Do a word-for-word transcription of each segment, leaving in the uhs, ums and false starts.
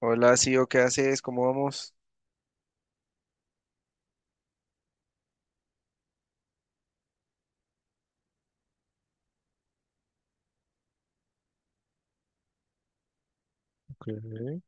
Hola, Sio, ¿qué haces? ¿Cómo vamos? Ok.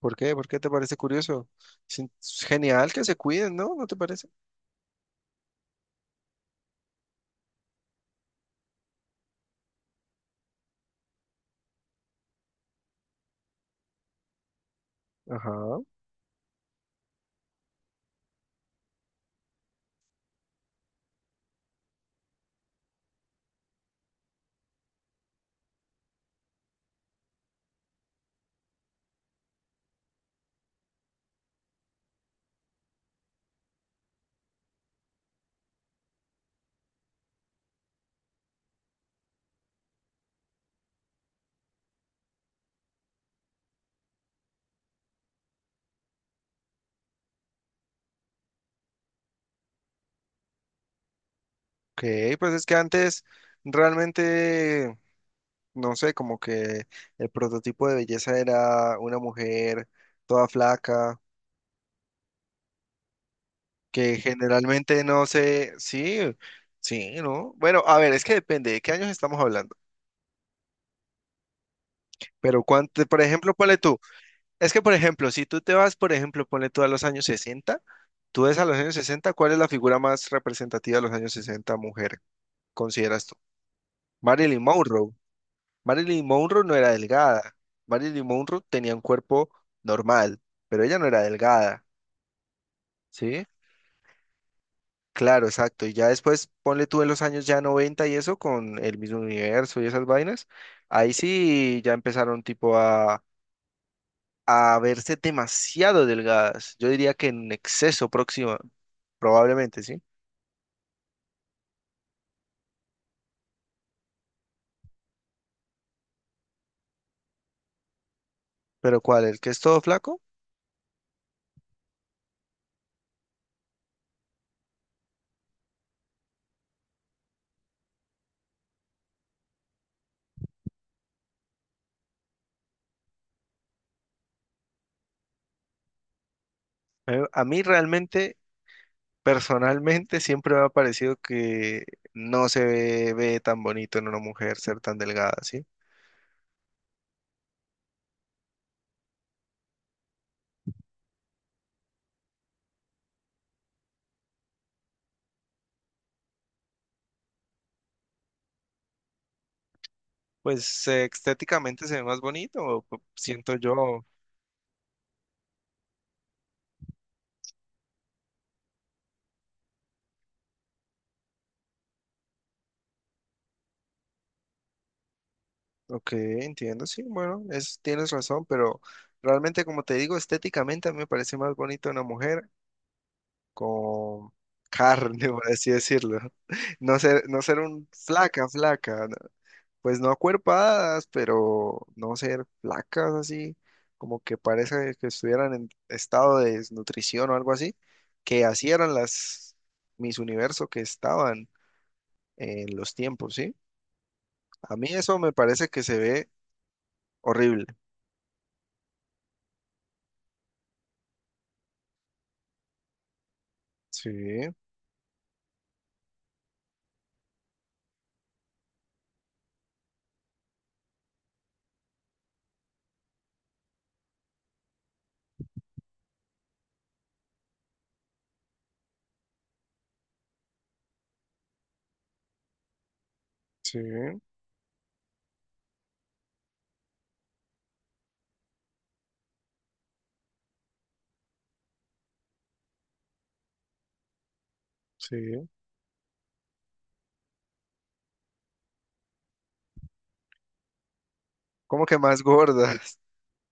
¿Por qué? ¿Por qué te parece curioso? Sin- Es genial que se cuiden, ¿no? ¿No te parece? Ajá. Ok, pues es que antes realmente, no sé, como que el prototipo de belleza era una mujer toda flaca, que generalmente no sé, sí, sí, ¿no? Bueno, a ver, es que depende de qué años estamos hablando. Pero cuánto, por ejemplo, ponle tú, es que por ejemplo, si tú te vas, por ejemplo, ponle tú a los años sesenta. Tú ves a los años sesenta, ¿cuál es la figura más representativa de los años sesenta mujer, consideras tú? Marilyn Monroe. Marilyn Monroe no era delgada. Marilyn Monroe tenía un cuerpo normal, pero ella no era delgada, ¿sí? Claro, exacto. Y ya después, ponle tú en los años ya noventa y eso, con el mismo universo y esas vainas, ahí sí ya empezaron tipo a, a verse demasiado delgadas. Yo diría que en exceso próxima, probablemente, ¿sí? Pero ¿cuál? ¿El que es todo flaco? Eh, A mí realmente, personalmente, siempre me ha parecido que no se ve, ve tan bonito en una mujer ser tan delgada, ¿sí? Pues eh, estéticamente se ve más bonito, p- siento yo. Ok, entiendo, sí, bueno, es, tienes razón, pero realmente, como te digo, estéticamente a mí me parece más bonito una mujer con carne, por así decirlo. No ser, no ser un flaca, flaca. ¿No? Pues no acuerpadas, pero no ser flacas así, como que parece que estuvieran en estado de desnutrición o algo así, que así eran las mis Universo que estaban en los tiempos, ¿sí? A mí eso me parece que se ve horrible. Sí, sí, sí. ¿Cómo que más gordas?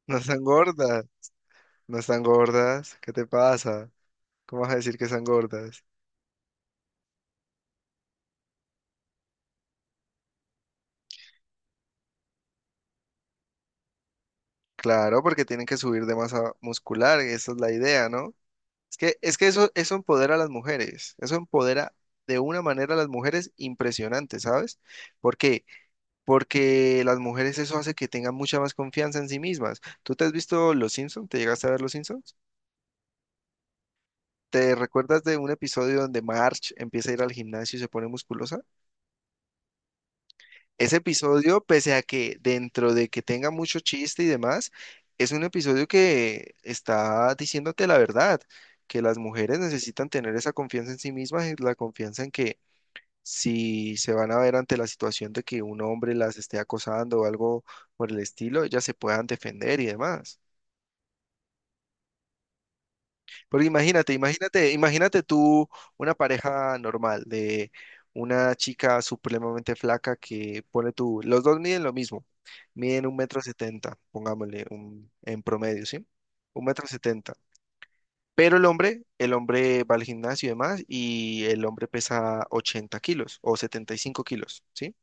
No están gordas, no están gordas. ¿Qué te pasa? ¿Cómo vas a decir que están gordas? Claro, porque tienen que subir de masa muscular, esa es la idea, ¿no? Es que, es que eso, eso empodera a las mujeres, eso empodera de una manera a las mujeres impresionante, ¿sabes? ¿Por qué? Porque las mujeres eso hace que tengan mucha más confianza en sí mismas. ¿Tú te has visto Los Simpsons? ¿Te llegaste a ver Los Simpsons? ¿Te recuerdas de un episodio donde Marge empieza a ir al gimnasio y se pone musculosa? Ese episodio, pese a que dentro de que tenga mucho chiste y demás, es un episodio que está diciéndote la verdad, que las mujeres necesitan tener esa confianza en sí mismas, y la confianza en que si se van a ver ante la situación de que un hombre las esté acosando o algo por el estilo, ellas se puedan defender y demás. Porque imagínate, imagínate, imagínate tú una pareja normal de una chica supremamente flaca que pone tú, los dos miden lo mismo, miden un metro setenta, pongámosle un, en promedio, ¿sí? Un metro setenta. Pero el hombre, el hombre va al gimnasio y demás, y el hombre pesa ochenta kilos o setenta y cinco kilos, ¿sí?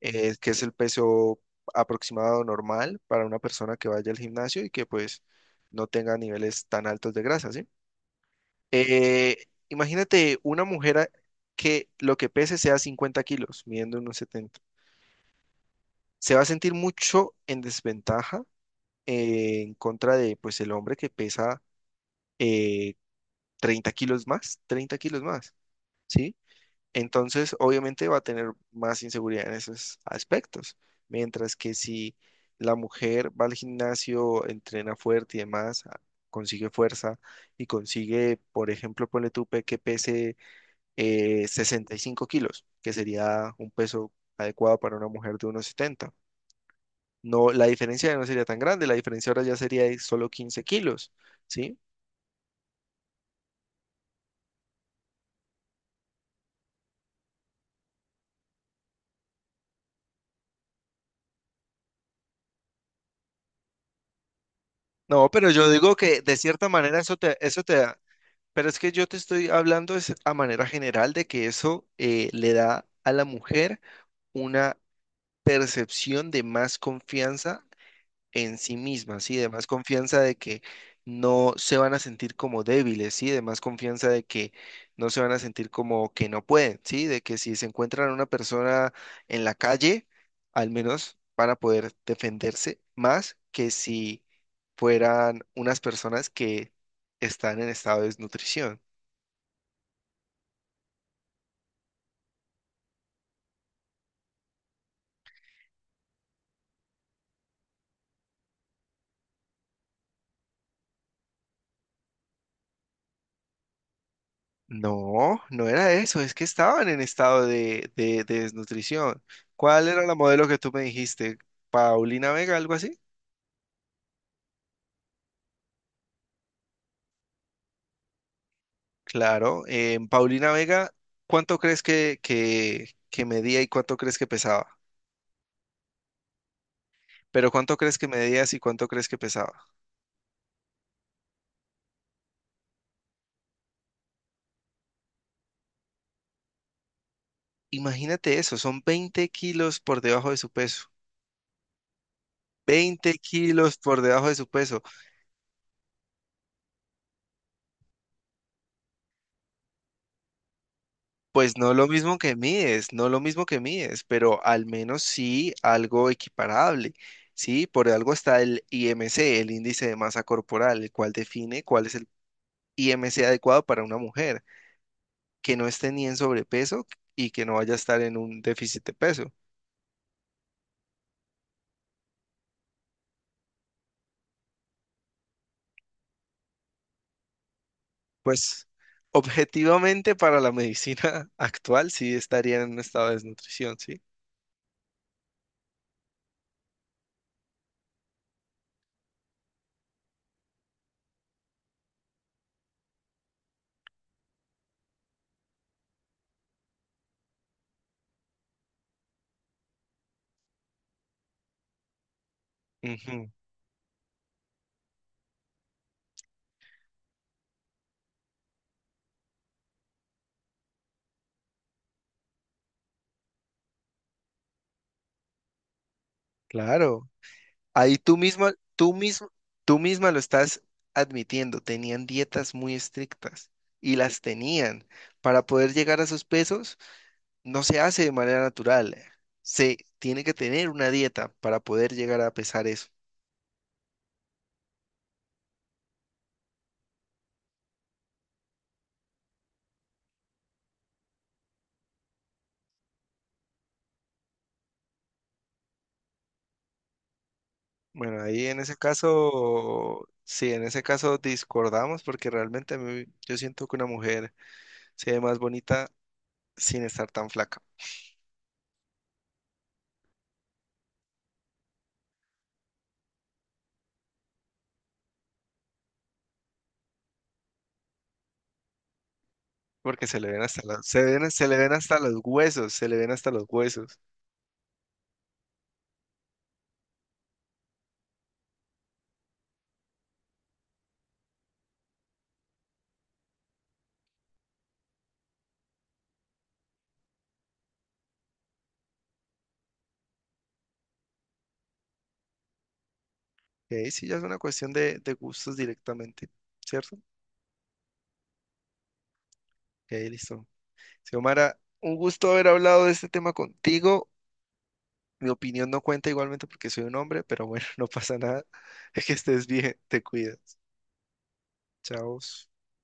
eh, que es el peso aproximado normal para una persona que vaya al gimnasio y que pues no tenga niveles tan altos de grasa, ¿sí? Eh, imagínate una mujer a- que lo que pese sea cincuenta kilos, midiendo unos setenta. Se va a sentir mucho en desventaja eh, en contra de pues el hombre que pesa eh, treinta kilos más, treinta kilos más, ¿sí? Entonces, obviamente va a tener más inseguridad en esos aspectos. Mientras que si la mujer va al gimnasio, entrena fuerte y demás, a- consigue fuerza y consigue, por ejemplo, ponle tú pe- que pese eh, sesenta y cinco kilos, que sería un peso adecuado para una mujer de unos setenta. No, la diferencia ya no sería tan grande, la diferencia ahora ya sería de solo quince kilos, ¿sí? No, pero yo digo que de cierta manera eso te, eso te, pero es que yo te estoy hablando es a manera general de que eso eh, le da a la mujer una percepción de más confianza en sí misma, ¿sí? De más confianza de que no se van a sentir como débiles, ¿sí? De más confianza de que no se van a sentir como que no pueden, ¿sí? De que si se encuentran a una persona en la calle, al menos van a poder defenderse más que si fueran unas personas que están en estado de desnutrición. No, no era eso, es que estaban en estado de, de- de desnutrición. ¿Cuál era la modelo que tú me dijiste? ¿Paulina Vega, algo así? Claro, en Paulina Vega, ¿cuánto crees que, que, que medía y cuánto crees que pesaba? Pero ¿cuánto crees que medías y cuánto crees que pesaba? Imagínate eso, son veinte kilos por debajo de su peso. Veinte kilos por debajo de su peso. Pues no lo mismo que mides, no lo mismo que mides, pero al menos sí algo equiparable, ¿sí? Por algo está el I M C, el índice de masa corporal, el cual define cuál es el I M C adecuado para una mujer, que no esté ni en sobrepeso y que no vaya a estar en un déficit de peso. Pues objetivamente para la medicina actual sí estaría en un estado de desnutrición, ¿sí? Ujú, claro. Ahí tú misma, tú mismo, tú misma lo estás admitiendo, tenían dietas muy estrictas y las tenían. Para poder llegar a sus pesos, no se hace de manera natural. Se tiene que tener una dieta para poder llegar a pesar eso. Bueno, ahí en ese caso, sí, en ese caso discordamos porque realmente a mí- yo siento que una mujer se ve más bonita sin estar tan flaca, porque se le ven hasta los, se ven- se le ven hasta los huesos, se le ven hasta los huesos. Ok, sí, ya es una cuestión de, de gustos directamente, ¿cierto? Ok, listo. Xiomara, un gusto haber hablado de este tema contigo. Mi opinión no cuenta igualmente porque soy un hombre, pero bueno, no pasa nada. Que estés bien, te cuidas. Chao.